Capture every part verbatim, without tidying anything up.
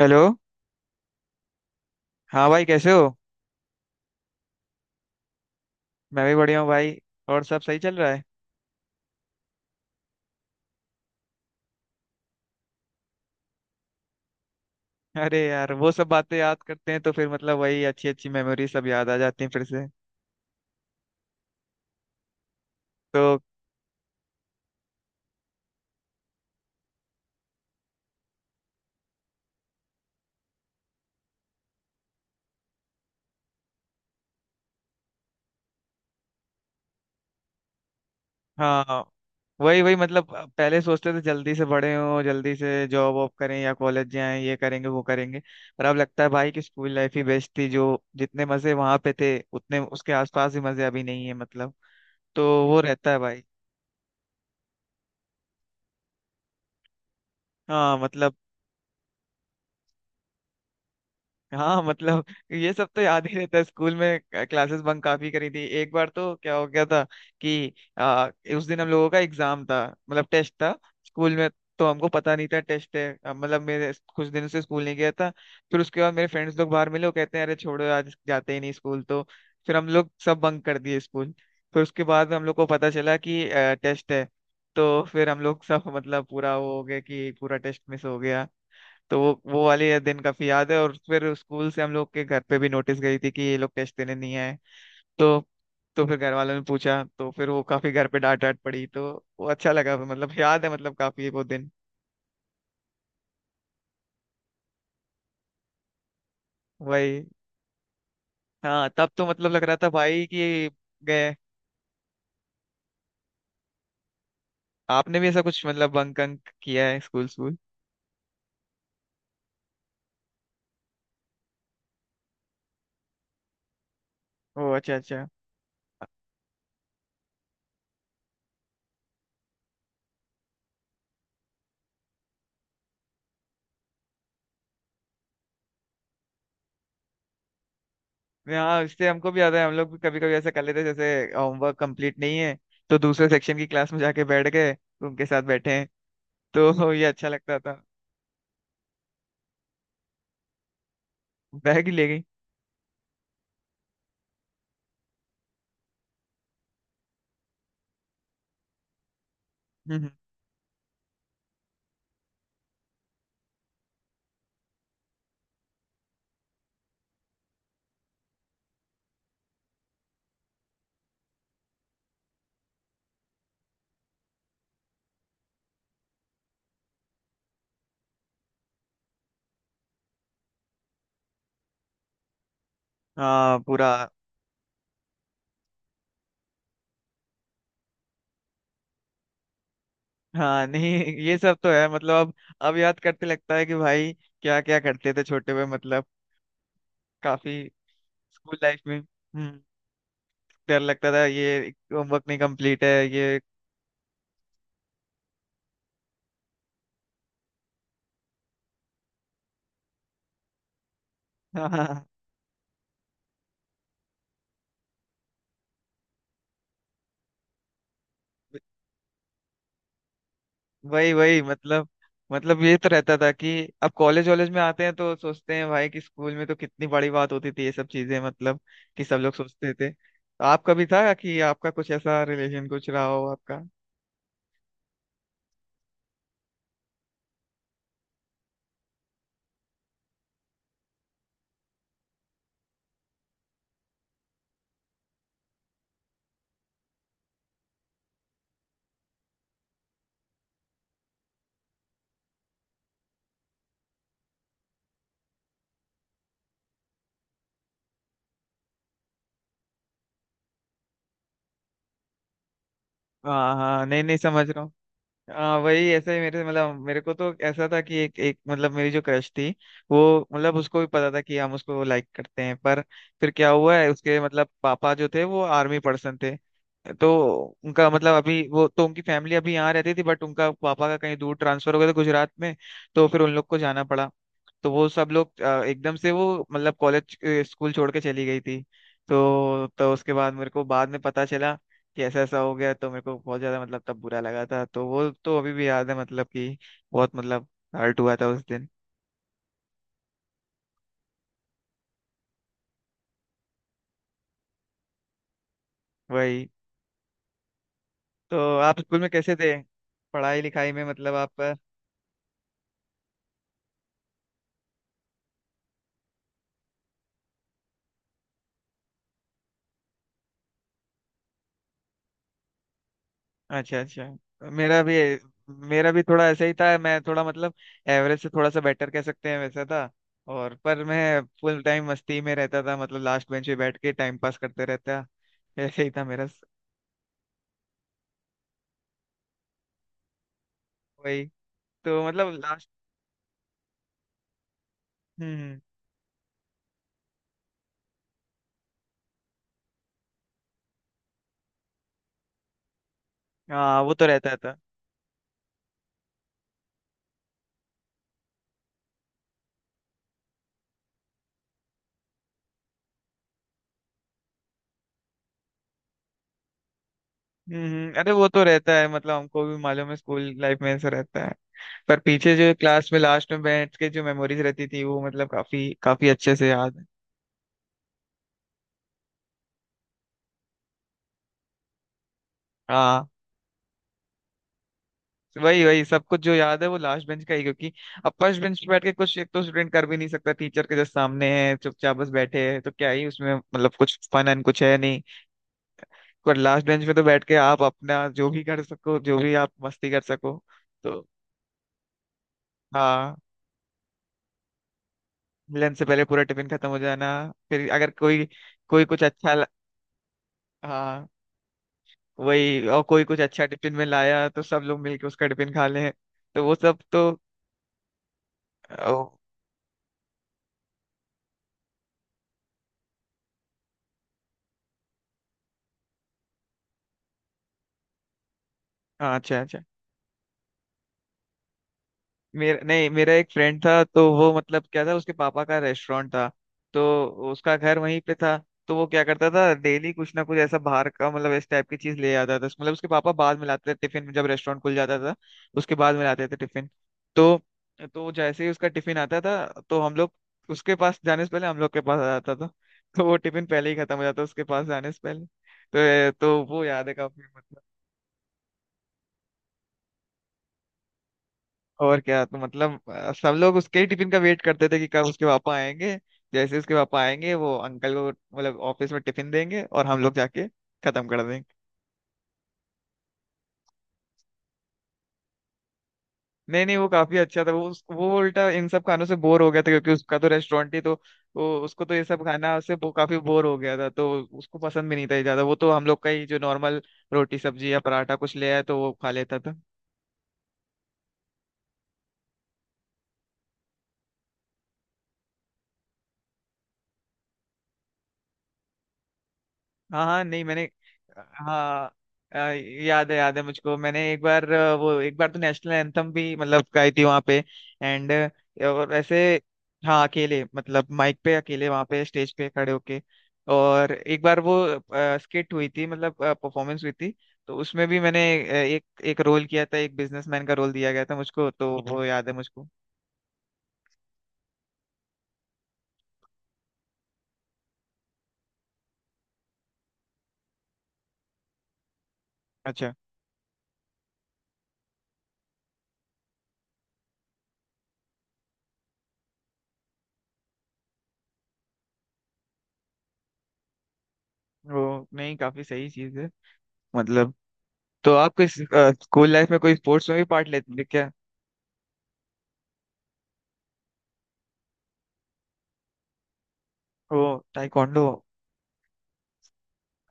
Hello. हाँ भाई कैसे हो। मैं भी बढ़िया हूँ भाई। और सब सही चल रहा है। अरे यार वो सब बातें याद करते हैं तो फिर मतलब वही अच्छी अच्छी मेमोरी सब याद आ जाती हैं फिर से। तो हाँ वही वही मतलब पहले सोचते थे जल्दी से बड़े हों जल्दी से जॉब वॉब करें या कॉलेज जाएं ये करेंगे वो करेंगे। पर अब लगता है भाई कि स्कूल लाइफ ही बेस्ट थी, जो जितने मजे वहां पे थे उतने उसके आसपास ही मजे अभी नहीं है मतलब। तो वो रहता है भाई। हाँ मतलब। हाँ मतलब ये सब तो याद ही रहता है। स्कूल में क्लासेस बंक काफी करी थी। एक बार तो क्या हो गया था कि आ, उस दिन हम लोगों का एग्जाम था, मतलब टेस्ट था स्कूल में। तो हमको पता नहीं था टेस्ट है। अ, मतलब मेरे कुछ दिनों से स्कूल नहीं गया था। फिर उसके बाद मेरे फ्रेंड्स लोग बाहर मिले, वो कहते हैं अरे छोड़ो आज जाते ही नहीं स्कूल। तो फिर हम लोग सब बंक कर दिए स्कूल। फिर उसके बाद हम लोग को पता चला कि टेस्ट है। तो फिर हम लोग सब मतलब पूरा वो हो गया कि पूरा टेस्ट मिस हो गया। तो वो वो वाले ये दिन काफी याद है। और फिर स्कूल से हम लोग के घर पे भी नोटिस गई थी कि ये लोग टेस्ट देने नहीं आए। तो तो फिर घर वालों ने पूछा तो फिर वो काफी घर पे डांट डांट पड़ी। तो वो अच्छा लगा मतलब याद है मतलब काफी वो दिन। वही। हाँ तब तो मतलब लग रहा था भाई कि गए। आपने भी ऐसा कुछ मतलब बंक अंक किया है स्कूल स्कूल। ओ अच्छा अच्छा। हाँ इससे हमको भी याद है, हम लोग भी कभी कभी ऐसा कर लेते जैसे होमवर्क कंप्लीट नहीं है तो दूसरे सेक्शन की क्लास में जाके बैठ गए, उनके साथ बैठे हैं। तो ये अच्छा लगता था। बैग ही ले गई। हम्म। हाँ पूरा। हाँ नहीं, ये सब तो है मतलब। अब अब याद करते लगता है कि भाई क्या क्या करते थे छोटे हुए मतलब काफी। स्कूल लाइफ में हम्म डर लगता था ये होमवर्क नहीं कंप्लीट है ये। हाँ, वही वही मतलब। मतलब ये तो रहता था कि अब कॉलेज वॉलेज में आते हैं तो सोचते हैं भाई कि स्कूल में तो कितनी बड़ी बात होती थी ये सब चीजें मतलब। कि सब लोग सोचते थे, तो आपका भी था कि आपका कुछ ऐसा रिलेशन कुछ रहा हो आपका। हाँ हाँ, नहीं नहीं, समझ रहा हूँ। हाँ वही ऐसे ही मेरे मतलब मेरे को तो ऐसा था कि एक एक मतलब मेरी जो क्रश थी वो मतलब उसको भी पता था कि हम उसको लाइक करते हैं। पर फिर क्या हुआ है उसके मतलब पापा जो थे वो आर्मी पर्सन थे। तो उनका मतलब अभी वो तो उनकी फैमिली अभी यहाँ रहती थी बट उनका पापा का कहीं दूर ट्रांसफर हो गया था गुजरात में। तो फिर उन लोग को जाना पड़ा। तो वो सब लोग अ, एकदम से वो मतलब कॉलेज स्कूल छोड़ के चली गई थी। तो तो उसके बाद मेरे को बाद में पता चला कि ऐसा ऐसा हो गया। तो मेरे को बहुत ज्यादा मतलब तब बुरा लगा था। तो वो तो अभी भी याद है मतलब कि बहुत मतलब हर्ट हुआ था उस दिन। वही। तो आप स्कूल में कैसे थे पढ़ाई लिखाई में मतलब आप। अच्छा अच्छा। मेरा भी मेरा भी थोड़ा ऐसा ही था। मैं थोड़ा मतलब एवरेज से थोड़ा सा बेटर कह सकते हैं वैसा था। और पर मैं फुल टाइम मस्ती में रहता था, मतलब लास्ट बेंच पे बैठ के टाइम पास करते रहता। ऐसे ही था मेरा। वही। तो मतलब लास्ट। हम्म हम्म। हाँ वो तो रहता था। हम्म अरे वो तो रहता है मतलब हमको भी मालूम है स्कूल लाइफ में ऐसा रहता है। पर पीछे जो क्लास में लास्ट में बैठ के जो मेमोरीज रहती थी वो मतलब काफी काफी अच्छे से याद है। हाँ वही वही सब कुछ जो याद है वो लास्ट बेंच का ही। क्योंकि अब फर्स्ट बेंच पे बैठ के कुछ एक तो स्टूडेंट कर भी नहीं सकता, टीचर के जस्ट सामने है, चुपचाप बस बैठे हैं, तो क्या ही उसमें मतलब कुछ फन एंड कुछ है नहीं। पर लास्ट बेंच पे तो बैठ के आप अपना जो भी कर सको जो भी आप मस्ती कर सको। तो हाँ लंच से पहले पूरा टिफिन खत्म हो जाना। फिर अगर कोई कोई कुछ अच्छा। हाँ वही, और कोई कुछ अच्छा टिफिन में लाया तो सब लोग मिलके उसका टिफिन खा लें। तो वो सब तो। ओ, हाँ अच्छा अच्छा। मेरा नहीं, मेरा एक फ्रेंड था तो वो मतलब क्या था उसके पापा का रेस्टोरेंट था। तो उसका घर वहीं पे था। तो वो क्या करता था डेली कुछ ना कुछ ऐसा बाहर का मतलब इस टाइप की चीज ले आता था। मतलब उसके पापा बाद में लाते थे टिफिन में जब रेस्टोरेंट खुल जाता था उसके बाद में लाते थे टिफिन। तो तो जैसे ही उसका टिफिन आता था तो हम लोग उसके पास जाने से पहले हम लोग के पास आ जाता था। तो वो टिफिन पहले ही खत्म हो जाता उसके पास जाने से पहले। तो तो वो याद है काफी मतलब। और क्या। तो मतलब अ, सब लोग उसके ही टिफिन का वेट करते थे कि कब उसके पापा आएंगे। जैसे उसके पापा आएंगे वो अंकल को मतलब ऑफिस में टिफिन देंगे और हम लोग जाके खत्म कर देंगे। नहीं नहीं, वो काफी अच्छा था। वो उस- वो उल्टा इन सब खानों से बोर हो गया था क्योंकि उसका तो रेस्टोरेंट ही तो। वो उसको तो ये सब खाना से वो काफी बोर हो गया था। तो उसको पसंद भी नहीं था ये ज्यादा। वो तो हम लोग का ही जो नॉर्मल रोटी सब्जी या पराठा कुछ ले आया तो वो खा लेता था। हाँ हाँ, नहीं मैंने। हाँ अ, याद है याद है मुझको। मैंने एक बार अ, वो एक बार तो नेशनल एंथम भी मतलब गाई थी वहाँ पे। एंड और ऐसे। हाँ अकेले मतलब माइक पे अकेले वहाँ पे स्टेज पे खड़े होके। और एक बार वो स्किट हुई थी मतलब परफॉर्मेंस हुई थी। तो उसमें भी मैंने अ, एक एक रोल किया था। एक बिजनेसमैन का रोल दिया गया था मुझको, तो वो याद है मुझको। अच्छा वो नहीं, काफी सही चीज है मतलब। तो आप किस स्कूल लाइफ में कोई स्पोर्ट्स में भी पार्ट लेते थे क्या। ओ ताइक्वांडो।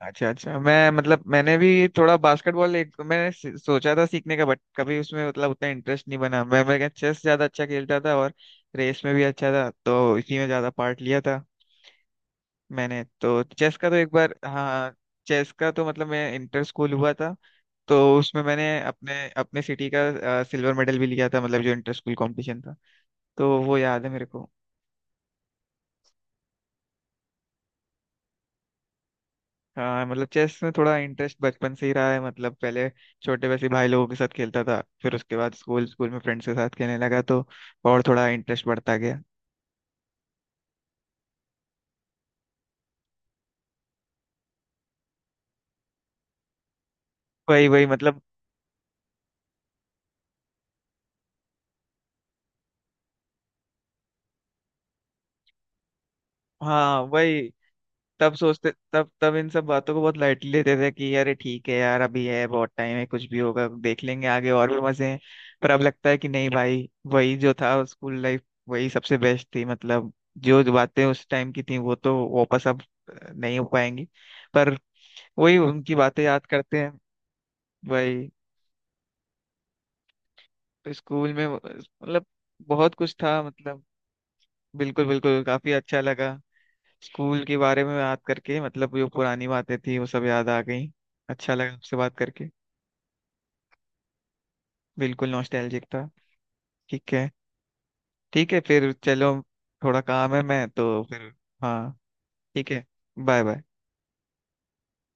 अच्छा अच्छा। मैं मतलब मैंने भी थोड़ा बास्केटबॉल एक मैंने सि- सोचा था सीखने का, बट कभी उसमें मतलब उतना इंटरेस्ट नहीं बना। मैं मैं चेस ज्यादा अच्छा खेलता था, और रेस में भी अच्छा था तो इसी में ज्यादा पार्ट लिया था। मैंने तो चेस का तो एक बार हाँ चेस का तो मतलब मैं इंटर स्कूल हुआ था। तो उसमें मैंने अपने अपने सिटी का सिल्वर मेडल भी लिया था मतलब जो इंटर स्कूल कॉम्पिटिशन था। तो वो याद है मेरे को। हाँ मतलब चेस में थोड़ा इंटरेस्ट बचपन से ही रहा है। मतलब पहले छोटे वैसे भाई लोगों के साथ खेलता था, फिर उसके बाद स्कूल स्कूल में फ्रेंड्स के साथ खेलने लगा तो और थोड़ा इंटरेस्ट बढ़ता गया। वही वही मतलब। हाँ वही तब सोचते, तब तब इन सब बातों को बहुत लाइटली लेते थे कि अरे ठीक है यार, अभी है बहुत टाइम है, कुछ भी होगा देख लेंगे, आगे और भी मजे हैं। पर अब लगता है कि नहीं भाई, वही जो था स्कूल लाइफ वही सबसे बेस्ट थी मतलब। जो जो बातें उस टाइम की थी वो तो वापस अब नहीं हो पाएंगी। पर वही उनकी बातें याद करते हैं भाई। तो स्कूल में वो- मतलब बहुत कुछ था मतलब। बिल्कुल बिल्कुल काफी अच्छा लगा स्कूल के बारे में याद करके। मतलब जो पुरानी बातें थी वो सब याद आ गई। अच्छा लगा आपसे बात करके। बिल्कुल नॉस्टैल्जिक था। ठीक है। ठीक है फिर चलो। थोड़ा काम है मैं तो फिर। हाँ। ठीक है। Bye bye.